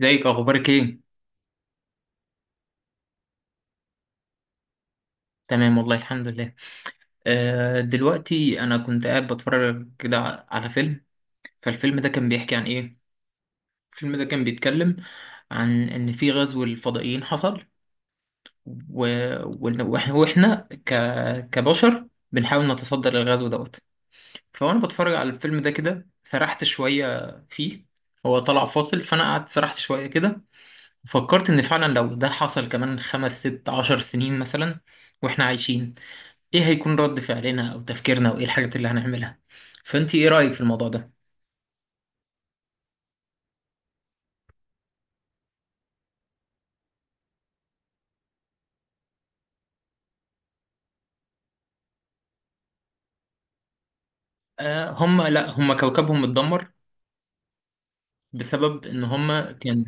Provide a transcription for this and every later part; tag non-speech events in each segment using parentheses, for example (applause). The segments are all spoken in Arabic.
ازيك، اخبارك ايه؟ تمام والله، الحمد لله. آه، دلوقتي انا كنت قاعد بتفرج كده على فيلم. فالفيلم ده كان بيحكي عن ايه؟ الفيلم ده كان بيتكلم عن ان في غزو الفضائيين حصل، و... وإن- واحنا وإحنا ك... كبشر بنحاول نتصدى للغزو دوت. فانا بتفرج على الفيلم ده كده، سرحت شوية فيه. هو طلع فاصل، فانا قعدت سرحت شوية كده. فكرت ان فعلا لو ده حصل كمان خمس ست عشر سنين مثلا، واحنا عايشين، ايه هيكون رد فعلنا او تفكيرنا، وايه الحاجات اللي هنعملها؟ فانت ايه رأيك في الموضوع ده؟ آه، هم لا هم كوكبهم اتدمر بسبب ان هم كان.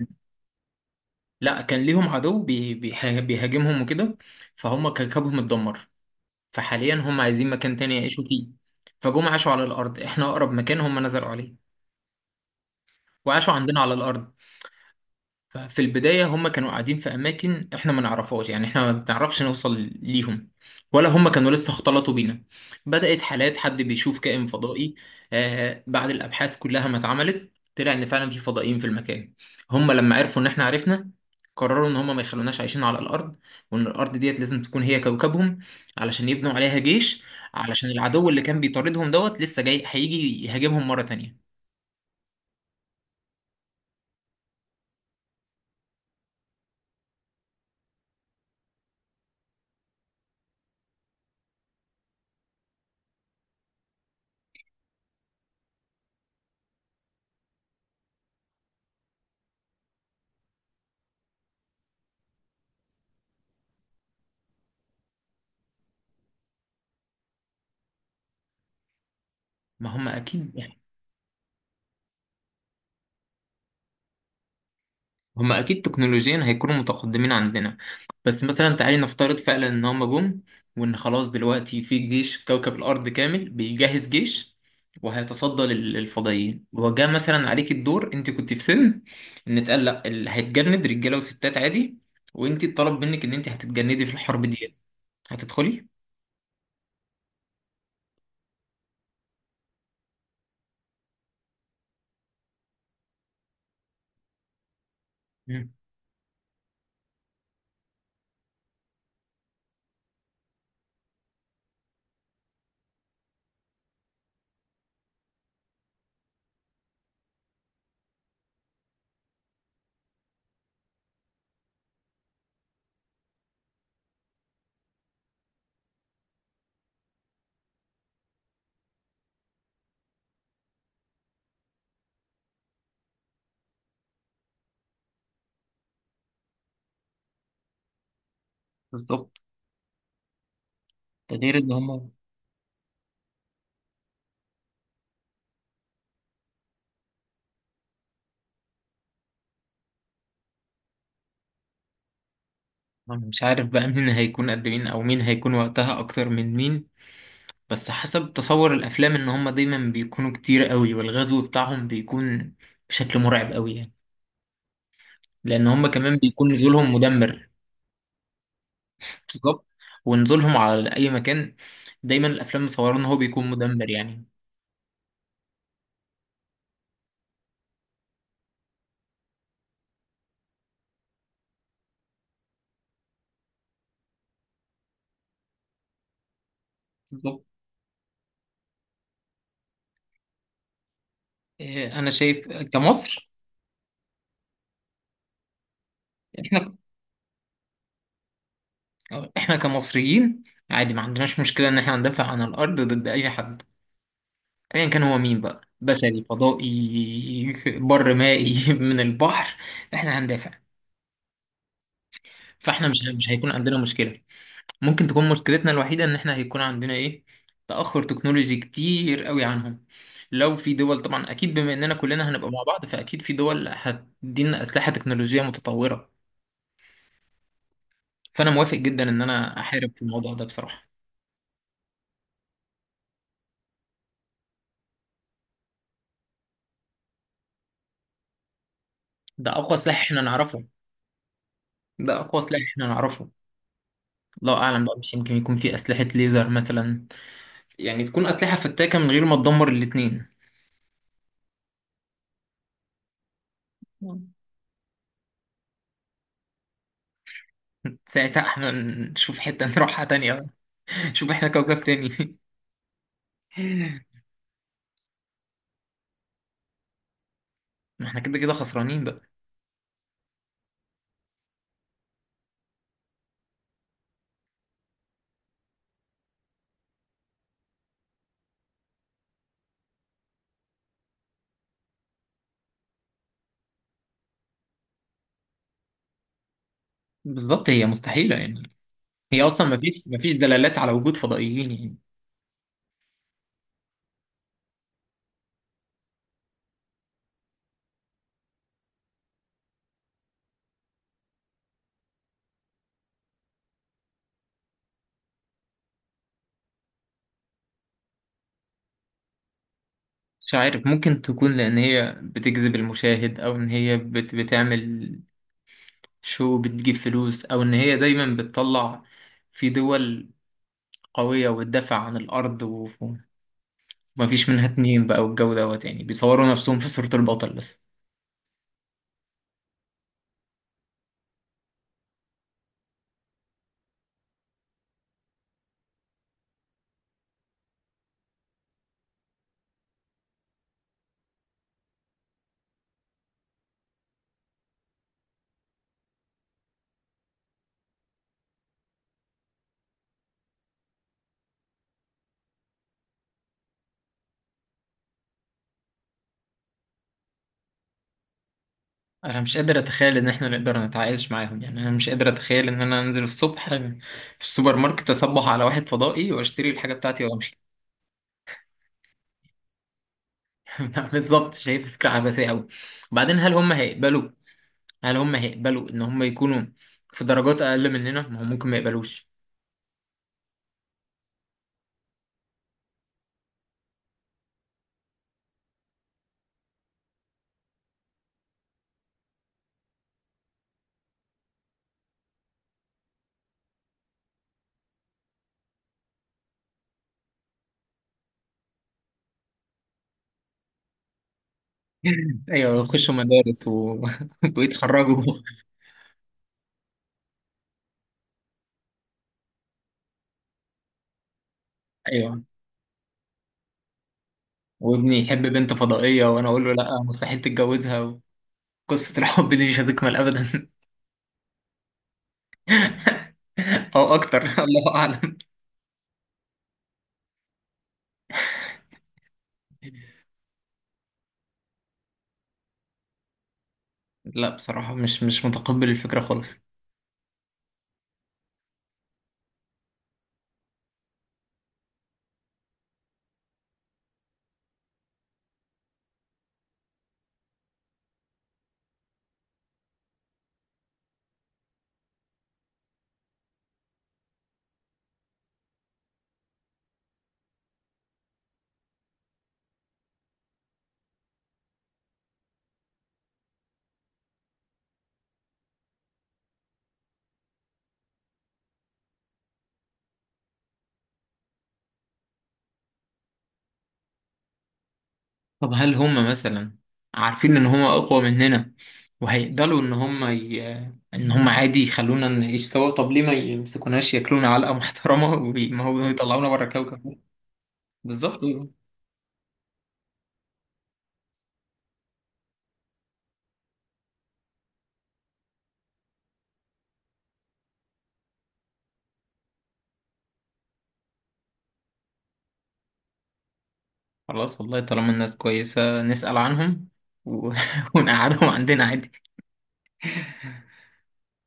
لا، كان ليهم عدو بيهاجمهم وكده. فهم كوكبهم اتدمر، فحاليا هم عايزين مكان تاني يعيشوا فيه. فجم عاشوا على الارض، احنا اقرب مكان هم نزلوا عليه، وعاشوا عندنا على الارض. ففي البداية هم كانوا قاعدين في أماكن إحنا ما نعرفهاش، يعني إحنا ما بنعرفش نوصل ليهم، ولا هم كانوا لسه اختلطوا بينا. بدأت حالات حد بيشوف كائن فضائي. آه، بعد الأبحاث كلها ما اتعملت، طلع إن فعلا في فضائيين في المكان. هم لما عرفوا إن إحنا عرفنا، قرروا إن هم ما يخلوناش عايشين على الأرض، وإن الأرض ديت لازم تكون هي كوكبهم، علشان يبنوا عليها جيش، علشان العدو اللي كان بيطاردهم دوت لسه جاي هيجي يهاجمهم مرة تانية. ما هم أكيد. هما اكيد تكنولوجيا هيكونوا متقدمين عندنا، بس مثلا تعالي نفترض فعلا ان هما جم، وان خلاص دلوقتي في جيش كوكب الارض كامل بيجهز جيش، وهيتصدى للفضائيين. وجاء مثلا عليك الدور، انت كنت في سن ان اتقال لا اللي هيتجند رجاله وستات عادي، وانت اتطلب منك ان انت هتتجندي في الحرب دي. هتدخلي؟ مم. بالظبط. ده غير ان هما. أنا مش عارف بقى مين هيكون قد مين او مين هيكون وقتها اكتر من مين، بس حسب تصور الافلام ان هم دايما بيكونوا كتير قوي، والغزو بتاعهم بيكون بشكل مرعب قوي يعني، لان هم كمان بيكون نزولهم مدمر. بالظبط. ونزولهم على اي مكان دايما الافلام مصوره ان هو بيكون مدمر يعني. بالظبط. إيه، انا شايف كمصر، احنا احنا كمصريين عادي ما عندناش مشكله ان احنا ندافع عن الارض ضد اي حد، ايا كان هو مين بقى، بشري فضائي بر مائي (laughs) من البحر، احنا هندافع. فاحنا مش هيكون عندنا مشكله. ممكن تكون مشكلتنا الوحيدة إن إحنا هيكون عندنا إيه، تأخر تكنولوجي كتير قوي عنهم. لو في دول، طبعا أكيد بما إننا كلنا هنبقى مع بعض، فأكيد في دول هتدينا أسلحة تكنولوجية متطورة. فأنا موافق جدا إن أنا أحارب في الموضوع ده بصراحة. ده أقوى سلاح إحنا نعرفه. ده أقوى سلاح إحنا نعرفه. الله أعلم بقى، مش يمكن يكون في أسلحة ليزر مثلا، يعني تكون أسلحة فتاكة من غير ما تدمر الاتنين. مم. ساعتها احنا نشوف حتة نروحها تانية، (laughs) نشوف احنا كوكب تاني. (laughs) ما احنا كده كده خسرانين بقى. بالظبط، هي مستحيلة يعني. هي أصلا مفيش دلالات على وجود فضائيين يعني. مش عارف، ممكن تكون لأن هي بتجذب المشاهد، أو إن هي بتعمل شو، بتجيب فلوس، أو إن هي دايما بتطلع في دول قوية وتدافع عن الأرض ومفيش منها اتنين بقى والجو دوت، يعني بيصوروا نفسهم في صورة البطل بس. أنا مش قادر أتخيل إن إحنا نقدر نتعايش معاهم، يعني أنا مش قادر أتخيل إن أنا أنزل الصبح في السوبر ماركت، أصبح على واحد فضائي وأشتري الحاجة بتاعتي وأمشي. (laughs) بالظبط، شايف فكرة عبثية أوي. وبعدين، هل هم هيقبلوا إن هم يكونوا في درجات أقل مننا، ما هو ممكن ما يقبلوش. (laughs) أيوة، يخشوا مدارس (laughs) ويتخرجوا. أيوة، وابني يحب بنت فضائية وأنا أقول له لأ، مستحيل تتجوزها. قصة الحب دي مش هتكمل أبدا. (laughs) أو أكتر (laughs) الله أعلم. لا بصراحة مش متقبل الفكرة خالص. طب هل هم مثلا عارفين ان هم اقوى مننا، وهيقدروا ان ان هم عادي يخلونا نعيش سوا؟ طب ليه ما يمسكوناش ياكلونا علقة محترمة (laughs) ويطلعونا بره الكوكب. بالظبط. خلاص والله، طالما الناس كويسة نسأل عنهم و... (laughs) ونقعدهم عندنا عادي،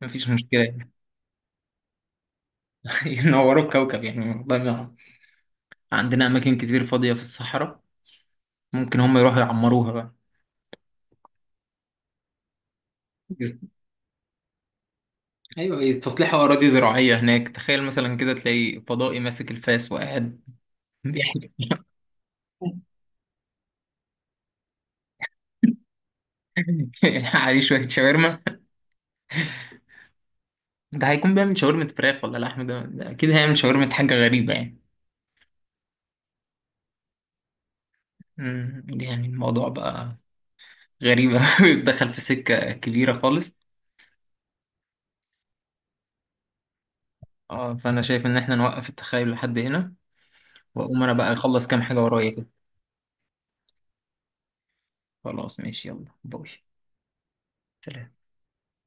مفيش مشكلة يعني. (laughs) ينوروا الكوكب يعني، والله عندنا أماكن كتير فاضية في الصحراء، ممكن هم يروحوا يعمروها بقى. ايوه، هي تصليح اراضي زراعيه هناك. تخيل مثلا كده تلاقي فضائي ماسك الفاس وقاعد بيحكي (laughs) عليه شويه شاورما. ده هيكون بيعمل شاورما فراخ ولا لحم؟ ده اكيد هيعمل شاورما حاجه غريبه يعني. يعني الموضوع بقى غريبه (laughs) دخل في سكه كبيره خالص. اه فانا شايف ان احنا نوقف التخيل لحد هنا، واقوم انا بقى اخلص كام حاجه ورايا كده. خلاص ماشي، يلا باي. سلام.